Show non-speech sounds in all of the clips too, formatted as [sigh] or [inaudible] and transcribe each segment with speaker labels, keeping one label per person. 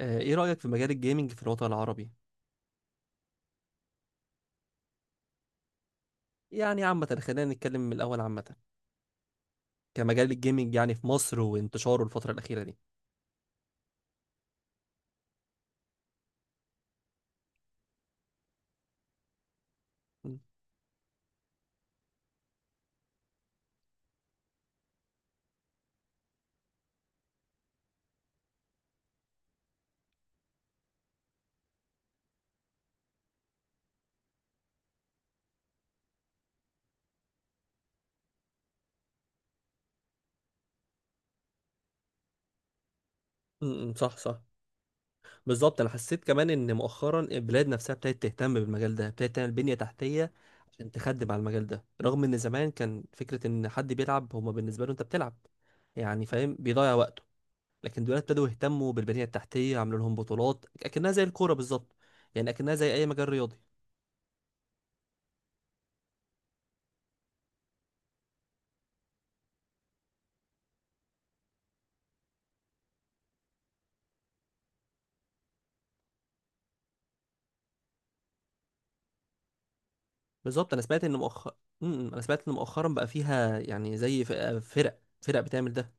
Speaker 1: ايه رأيك في مجال الجيمنج في الوطن العربي؟ يعني عامة، خلينا نتكلم من الأول عامة كمجال الجيمنج، يعني في مصر وانتشاره الفترة الأخيرة دي. م- صح صح. بالظبط، أنا حسيت كمان إن مؤخرا البلاد نفسها ابتدت تهتم بالمجال ده، ابتدت تعمل بنية تحتية عشان تخدم على المجال ده، رغم إن زمان كان فكرة إن حد بيلعب هما بالنسبة له أنت بتلعب يعني، فاهم، بيضيع وقته. لكن دلوقتي ابتدوا يهتموا بالبنية التحتية، عملوا لهم بطولات أكنها زي الكورة بالظبط، يعني أكنها زي أي مجال رياضي. بالظبط، انا سمعت ان مؤخرا بقى فيها يعني زي فرق بتعمل ده.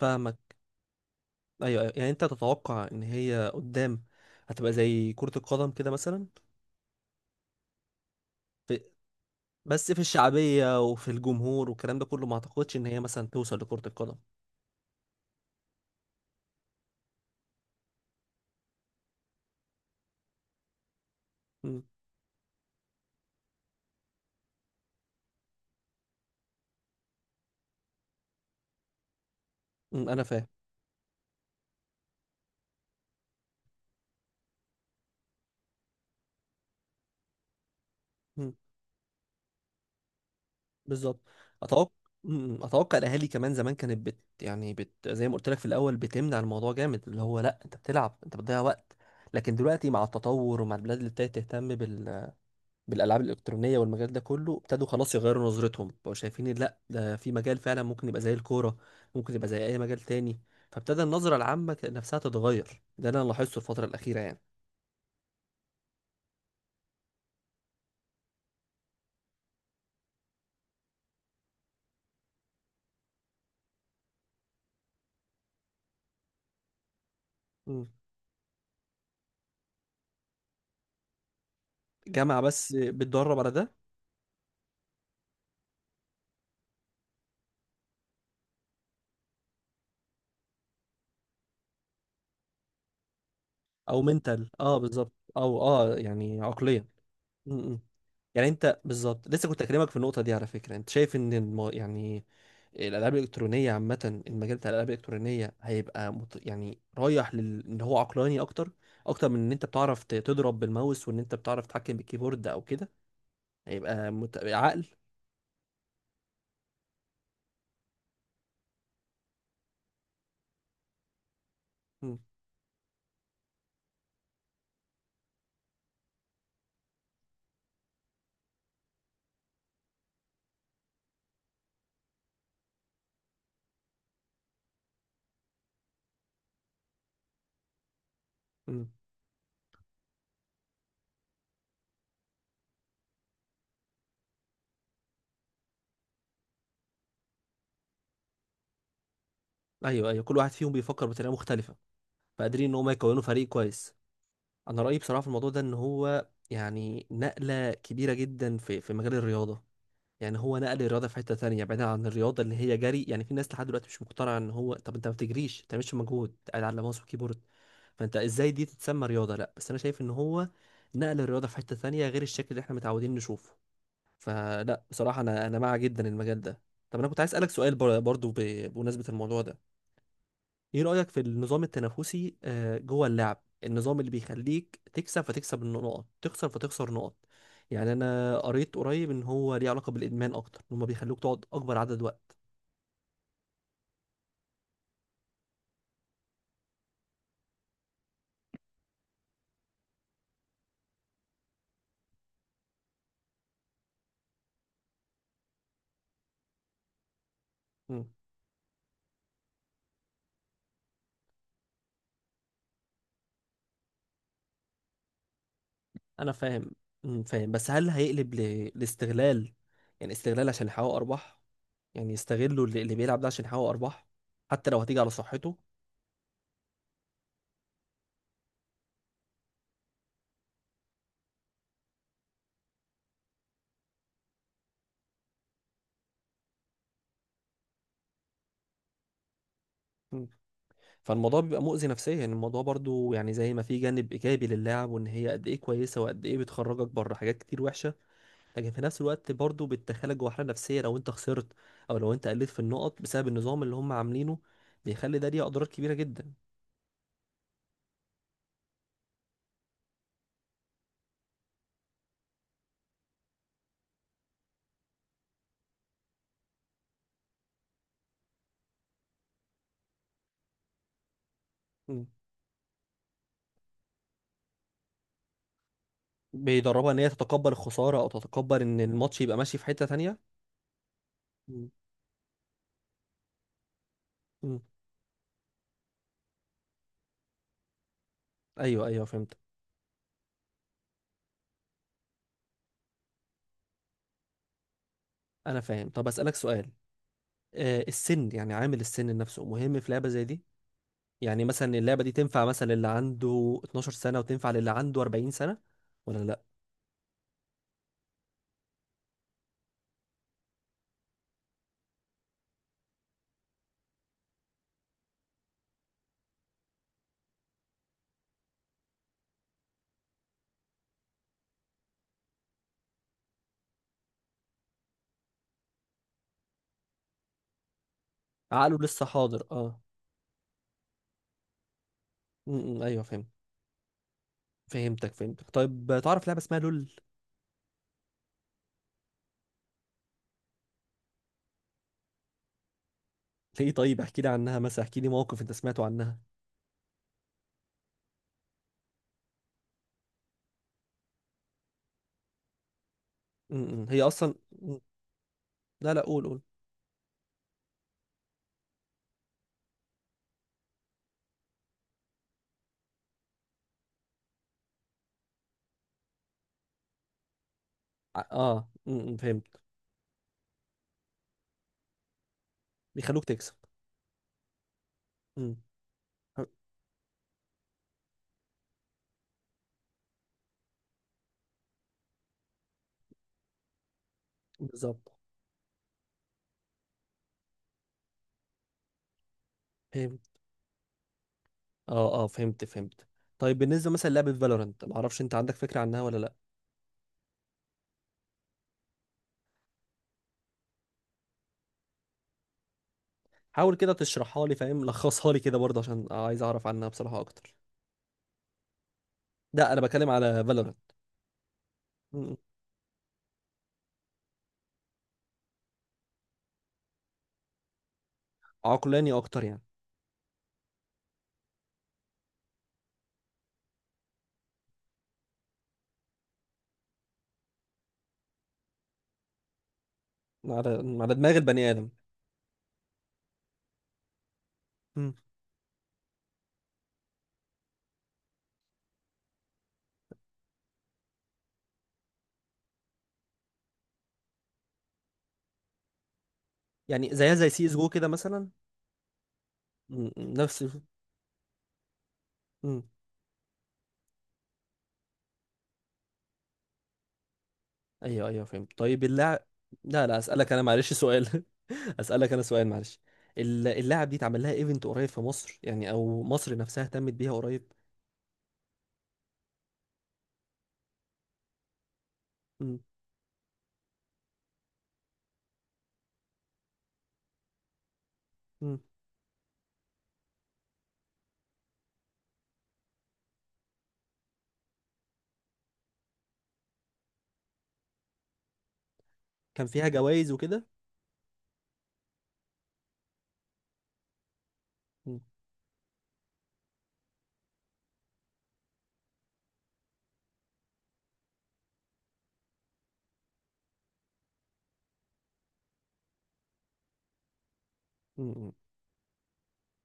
Speaker 1: فاهمك، ايوه أيوة. يعني انت تتوقع ان هي قدام هتبقى زي كرة القدم كده مثلا؟ في... بس في الشعبية وفي الجمهور والكلام ده كله، ما اعتقدش ان هي مثلا توصل لكرة القدم. مم، انا فاهم. مم، بالظبط. اتوقع اتوقع الاهالي كمان زمان كانت بت يعني بت زي ما قلت لك في الاول بتمنع الموضوع جامد، اللي هو لا انت بتلعب انت بتضيع وقت. لكن دلوقتي مع التطور ومع البلاد اللي ابتدت تهتم بالالعاب الالكترونيه والمجال ده كله، ابتدوا خلاص يغيروا نظرتهم، بقوا شايفين إن لا، ده في مجال فعلا ممكن يبقى زي الكوره، ممكن يبقى زي اي مجال تاني. فابتدى النظره العامه نفسها تتغير، ده اللي انا لاحظته الفتره الاخيره يعني. مم. جامعه بس بتدرب على ده؟ او منتال، بالظبط، او يعني عقليه. م. يعني انت بالظبط لسه كنت اكلمك في النقطه دي على فكره، انت شايف ان يعني الالعاب الالكترونيه عامه، المجال بتاع الالعاب الالكترونيه هيبقى يعني رايح ان هو عقلاني اكتر، اكتر من ان انت بتعرف تضرب بالماوس وان انت بتعرف تتحكم بالكيبورد او كده، هيبقى مت... عقل م- م. ايوه ايوه، كل واحد فيهم بيفكر بطريقه مختلفه، فقادرين ان هم يكونوا فريق كويس. انا رايي بصراحه في الموضوع ده ان هو يعني نقله كبيره جدا في مجال الرياضه، يعني هو نقل الرياضه في حته تانية بعيدا عن الرياضه اللي هي جري. يعني في ناس لحد دلوقتي مش مقتنعه ان هو، طب انت ما بتجريش ما بتعملش مجهود، قاعد على ماوس وكيبورد، فانت ازاي دي تتسمى رياضه؟ لا، بس انا شايف ان هو نقل الرياضه في حته تانية غير الشكل اللي احنا متعودين نشوفه. فلا، بصراحه انا مع جدا المجال ده. طب انا كنت عايز اسالك سؤال برضو بمناسبه الموضوع ده، ايه رأيك في النظام التنافسي جوه اللعب، النظام اللي بيخليك تكسب فتكسب النقط، تخسر فتخسر نقط؟ يعني انا قريت قريب ان هو ليه علاقة بالادمان اكتر، ان هما بيخلوك تقعد اكبر عدد وقت. مم. انا فاهم. فاهم، بس هل هيقلب لاستغلال؟ يعني استغلال عشان يحقق ارباح، يعني يستغلوا اللي بيلعب ده عشان يحقق ارباح، حتى لو هتيجي على صحته. مم. فالموضوع بيبقى مؤذي نفسيا، يعني الموضوع برضو، يعني زي ما في جانب ايجابي للعب وان هي قد ايه كويسه وقد ايه بتخرجك بره حاجات كتير وحشه، لكن في نفس الوقت برضو بتدخلك جوه حالة نفسية لو انت خسرت او لو انت قلت في النقط بسبب النظام اللي هم عاملينه، بيخلي ده ليه اضرار كبيرة جدا. مم. بيدربها ان هي تتقبل الخسارة، او تتقبل ان الماتش يبقى ماشي في حتة تانية. مم. مم. ايوه ايوه فهمت. انا فاهم. طب اسالك سؤال، السن، يعني عامل السن نفسه مهم في لعبه زي دي؟ يعني مثلا اللعبه دي تنفع مثلا اللي عنده 12 سنه وتنفع للي عنده 40 سنه؟ ولا لا؟ عقله لسه حاضر اه. م -م. ايوه فهمت. فهمتك فهمتك. طيب، تعرف لعبه اسمها لول؟ ليه؟ طيب احكي لي عنها، مثلا احكي لي موقف انت سمعته عنها. م- م. هي اصلا م. لا لا، قول قول. م. فهمت. بيخلوك تكسب. م. بالظبط. فهمت. اه فهمت فهمت. طيب بالنسبه مثلا لعبه فالورنت، ما اعرفش انت عندك فكره عنها ولا لا؟ حاول كده تشرحها لي، فاهم، لخصها لي كده برضه عشان عايز اعرف عنها بصراحه اكتر. لا، انا بتكلم على فالورنت. عقلاني اكتر يعني. على على دماغ البني ادم. م. يعني زيها زي سي اس جو كده مثلا. م. نفس. م. ايوه ايوه فهمت. طيب اللاعب، لا لا، اسالك انا معلش سؤال [laughs] اسالك انا سؤال معلش. اللاعب دي اتعمل لها ايفنت قريب في مصر، يعني او مصر نفسها اهتمت بيها قريب؟ مم. مم. كان فيها جوائز وكده؟ مم. مم.